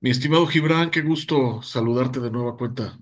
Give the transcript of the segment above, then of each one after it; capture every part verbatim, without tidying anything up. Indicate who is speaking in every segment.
Speaker 1: Mi estimado Gibran, qué gusto saludarte de nueva cuenta.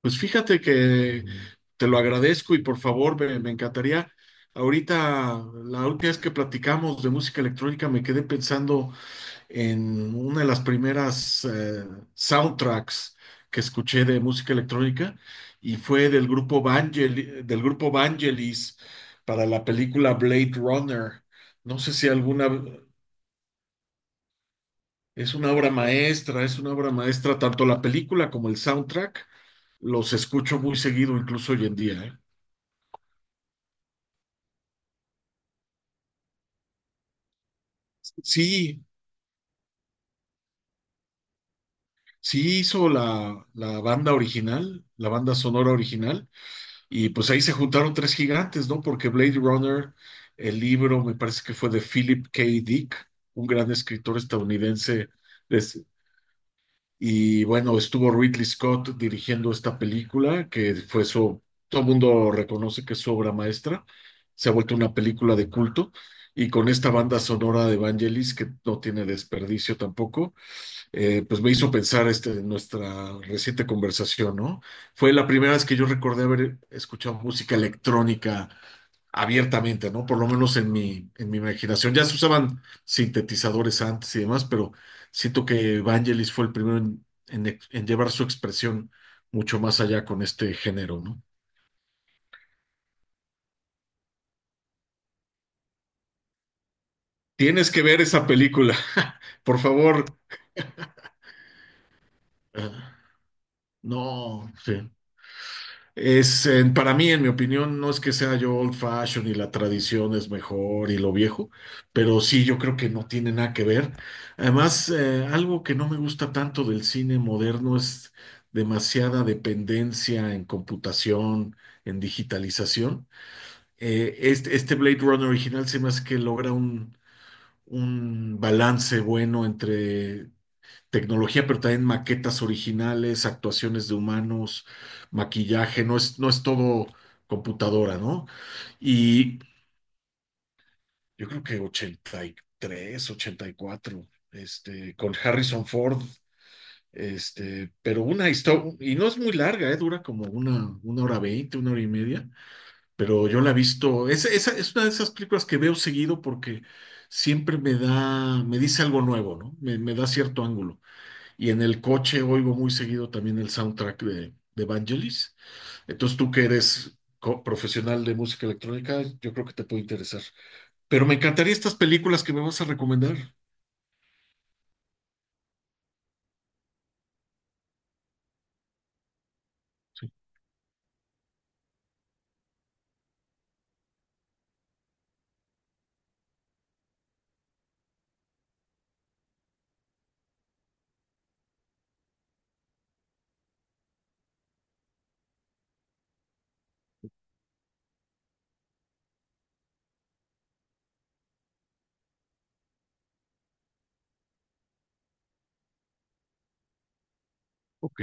Speaker 1: Pues fíjate que te lo agradezco y por favor me, me encantaría. Ahorita, la última vez que platicamos de música electrónica, me quedé pensando en una de las primeras eh, soundtracks que escuché de música electrónica y fue del grupo Vangel- del grupo Vangelis para la película Blade Runner. No sé si alguna. Es una obra maestra, es una obra maestra, tanto la película como el soundtrack, los escucho muy seguido, incluso hoy en día, ¿eh? Sí, sí hizo la, la banda original, la banda sonora original, y pues ahí se juntaron tres gigantes, ¿no? Porque Blade Runner, el libro, me parece que fue de Philip K. Dick, un gran escritor estadounidense de, Y bueno, estuvo Ridley Scott dirigiendo esta película, que fue su, todo el mundo reconoce que es su obra maestra, se ha vuelto una película de culto, y con esta banda sonora de Vangelis, que no tiene desperdicio tampoco. eh, pues me hizo pensar este, en nuestra reciente conversación, ¿no? Fue la primera vez que yo recordé haber escuchado música electrónica abiertamente, ¿no? Por lo menos en mi, en mi, imaginación. Ya se usaban sintetizadores antes y demás, pero siento que Vangelis fue el primero en, en ex- en llevar su expresión mucho más allá con este género, ¿no? Tienes que ver esa película, por favor. Ah. No, sí. Es, eh, para mí, en mi opinión, no es que sea yo old fashion y la tradición es mejor y lo viejo, pero sí, yo creo que no tiene nada que ver. Además, eh, algo que no me gusta tanto del cine moderno es demasiada dependencia en computación, en digitalización. Eh, este, este Blade Runner original se me hace que logra un, un, balance bueno entre tecnología, pero también maquetas originales, actuaciones de humanos, maquillaje, no es, no es todo computadora, ¿no? Y yo creo que ochenta ochenta y tres, ochenta y cuatro, este, con Harrison Ford, este, pero una historia, y no es muy larga, ¿eh? Dura como una, una, hora veinte, una hora y media, pero yo la he visto, es, es, es una de esas películas que veo seguido porque siempre me da, me dice algo nuevo, ¿no? Me, me da cierto ángulo. Y en el coche oigo muy seguido también el soundtrack de, de Vangelis. Entonces tú que eres co- profesional de música electrónica, yo creo que te puede interesar. Pero me encantaría estas películas que me vas a recomendar. Ok.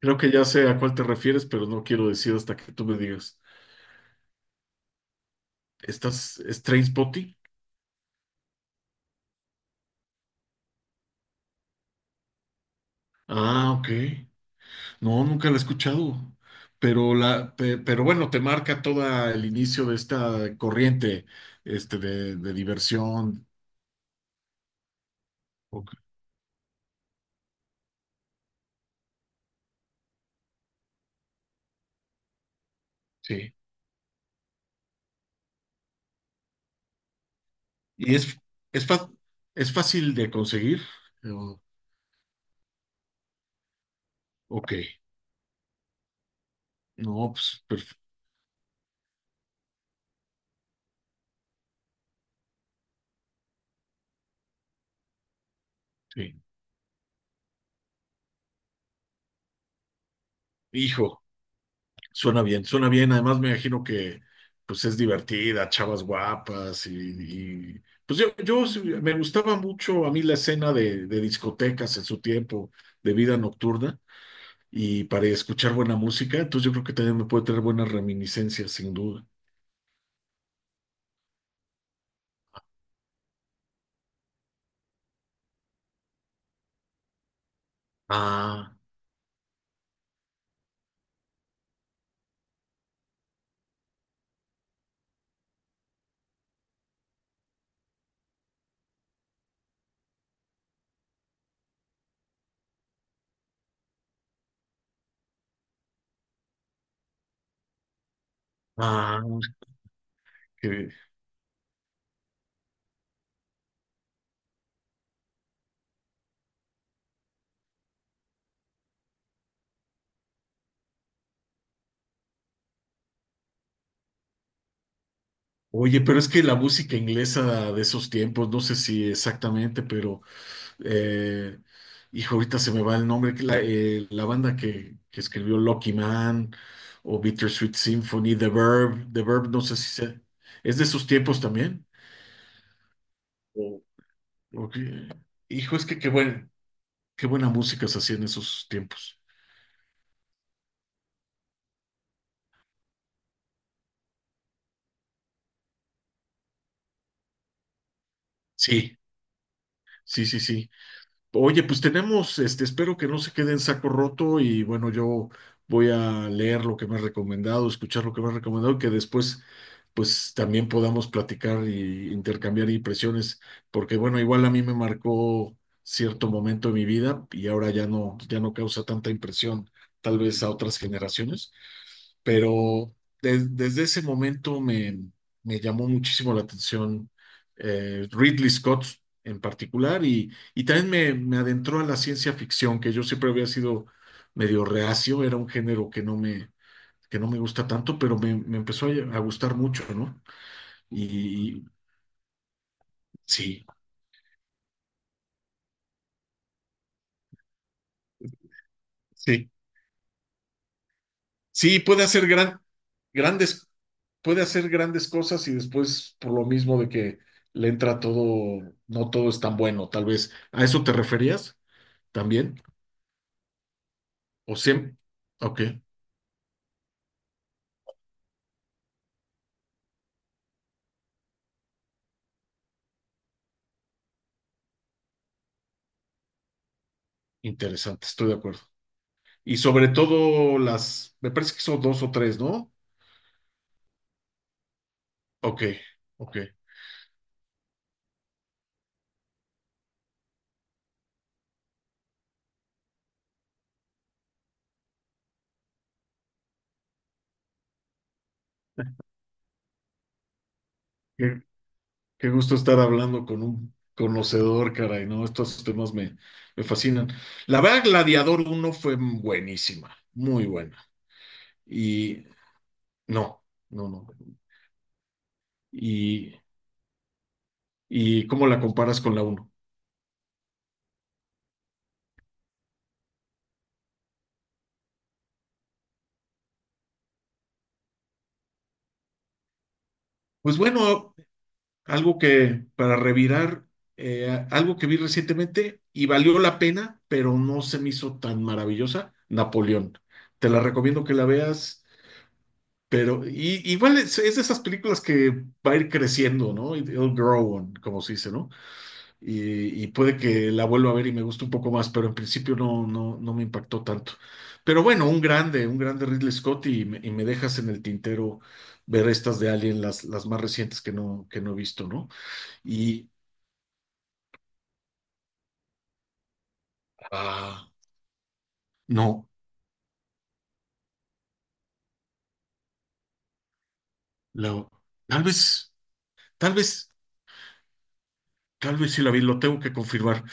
Speaker 1: Creo que ya sé a cuál te refieres, pero no quiero decir hasta que tú me digas. ¿Estás es Trainspotting? Ah, ok. No, nunca la he escuchado. Pero la, pe- pero bueno, te marca todo el inicio de esta corriente, este, de, de, diversión. Ok. Sí. ¿Y es, es, fa- es fácil de conseguir? Yo, ok, no, pues perfecto. Hijo, suena bien, suena bien. Además me imagino que pues es divertida, chavas guapas y, y- pues yo, yo sí- me gustaba mucho a mí la escena de, de discotecas en su tiempo, de vida nocturna y para escuchar buena música, entonces yo creo que también me puede tener buenas reminiscencias, sin duda. Ah, ah, qué Oye, pero es que la música inglesa de esos tiempos, no sé si exactamente, pero eh, hijo, ahorita se me va el nombre, que la, eh, la banda que, que escribió Lucky Man o Bittersweet Symphony, The Verb, The Verb, no sé si se, es de esos tiempos también. O- o qué- Hijo, es que qué buen- qué buena música se hacía en esos tiempos. Sí, sí, sí, sí. Oye, pues tenemos, este, espero que no se quede en saco roto y bueno, yo voy a leer lo que me has recomendado, escuchar lo que me has recomendado, que después pues también podamos platicar y intercambiar impresiones, porque bueno, igual a mí me marcó cierto momento de mi vida y ahora ya no, ya no causa tanta impresión, tal vez a otras generaciones pero de- desde ese momento me, me, llamó muchísimo la atención eh, Ridley Scott en particular y, y también me, me adentró a la ciencia ficción, que yo siempre había sido medio reacio, era un género que no me, que no me gusta tanto, pero me, me, empezó a, a gustar mucho, ¿no? Y, y sí. Sí. Sí, puede hacer gran, grandes, puede hacer grandes cosas y después por lo mismo de que le entra todo, no todo es tan bueno, tal vez. ¿A eso te referías también? ¿O siempre? Ok, interesante, estoy de acuerdo. Y sobre todo las, me parece que son dos o tres, ¿no? Ok, ok. Qué, qué gusto estar hablando con un conocedor, caray, ¿no? Estos temas me, me, fascinan. La verdad, Gladiador uno fue buenísima, muy buena. Y No, no, no. ¿Y, y cómo la comparas con la uno? Pues bueno, algo que para revirar, eh, algo que vi recientemente y valió la pena, pero no se me hizo tan maravillosa, Napoleón. Te la recomiendo que la veas, pero y, igual es, es, de esas películas que va a ir creciendo, ¿no? It'll grow on, como se dice, ¿no? y, y puede que la vuelva a ver y me guste un poco más, pero en principio no, no, no me impactó tanto. Pero bueno, un grande, un grande Ridley Scott y me, y me dejas en el tintero ver estas de Alien, las, las más recientes que no, que no he visto, ¿no? Y ah, no, la- tal vez, tal vez, tal vez sí la vi, lo tengo que confirmar.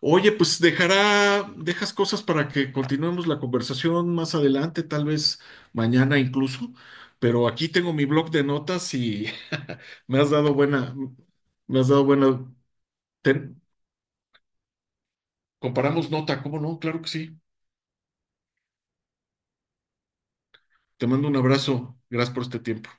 Speaker 1: Oye, pues dejará, dejas cosas para que continuemos la conversación más adelante, tal vez mañana incluso, pero aquí tengo mi blog de notas y me has dado buena, me has dado buena, ten- comparamos nota, ¿cómo no? Claro que sí. Te mando un abrazo, gracias por este tiempo.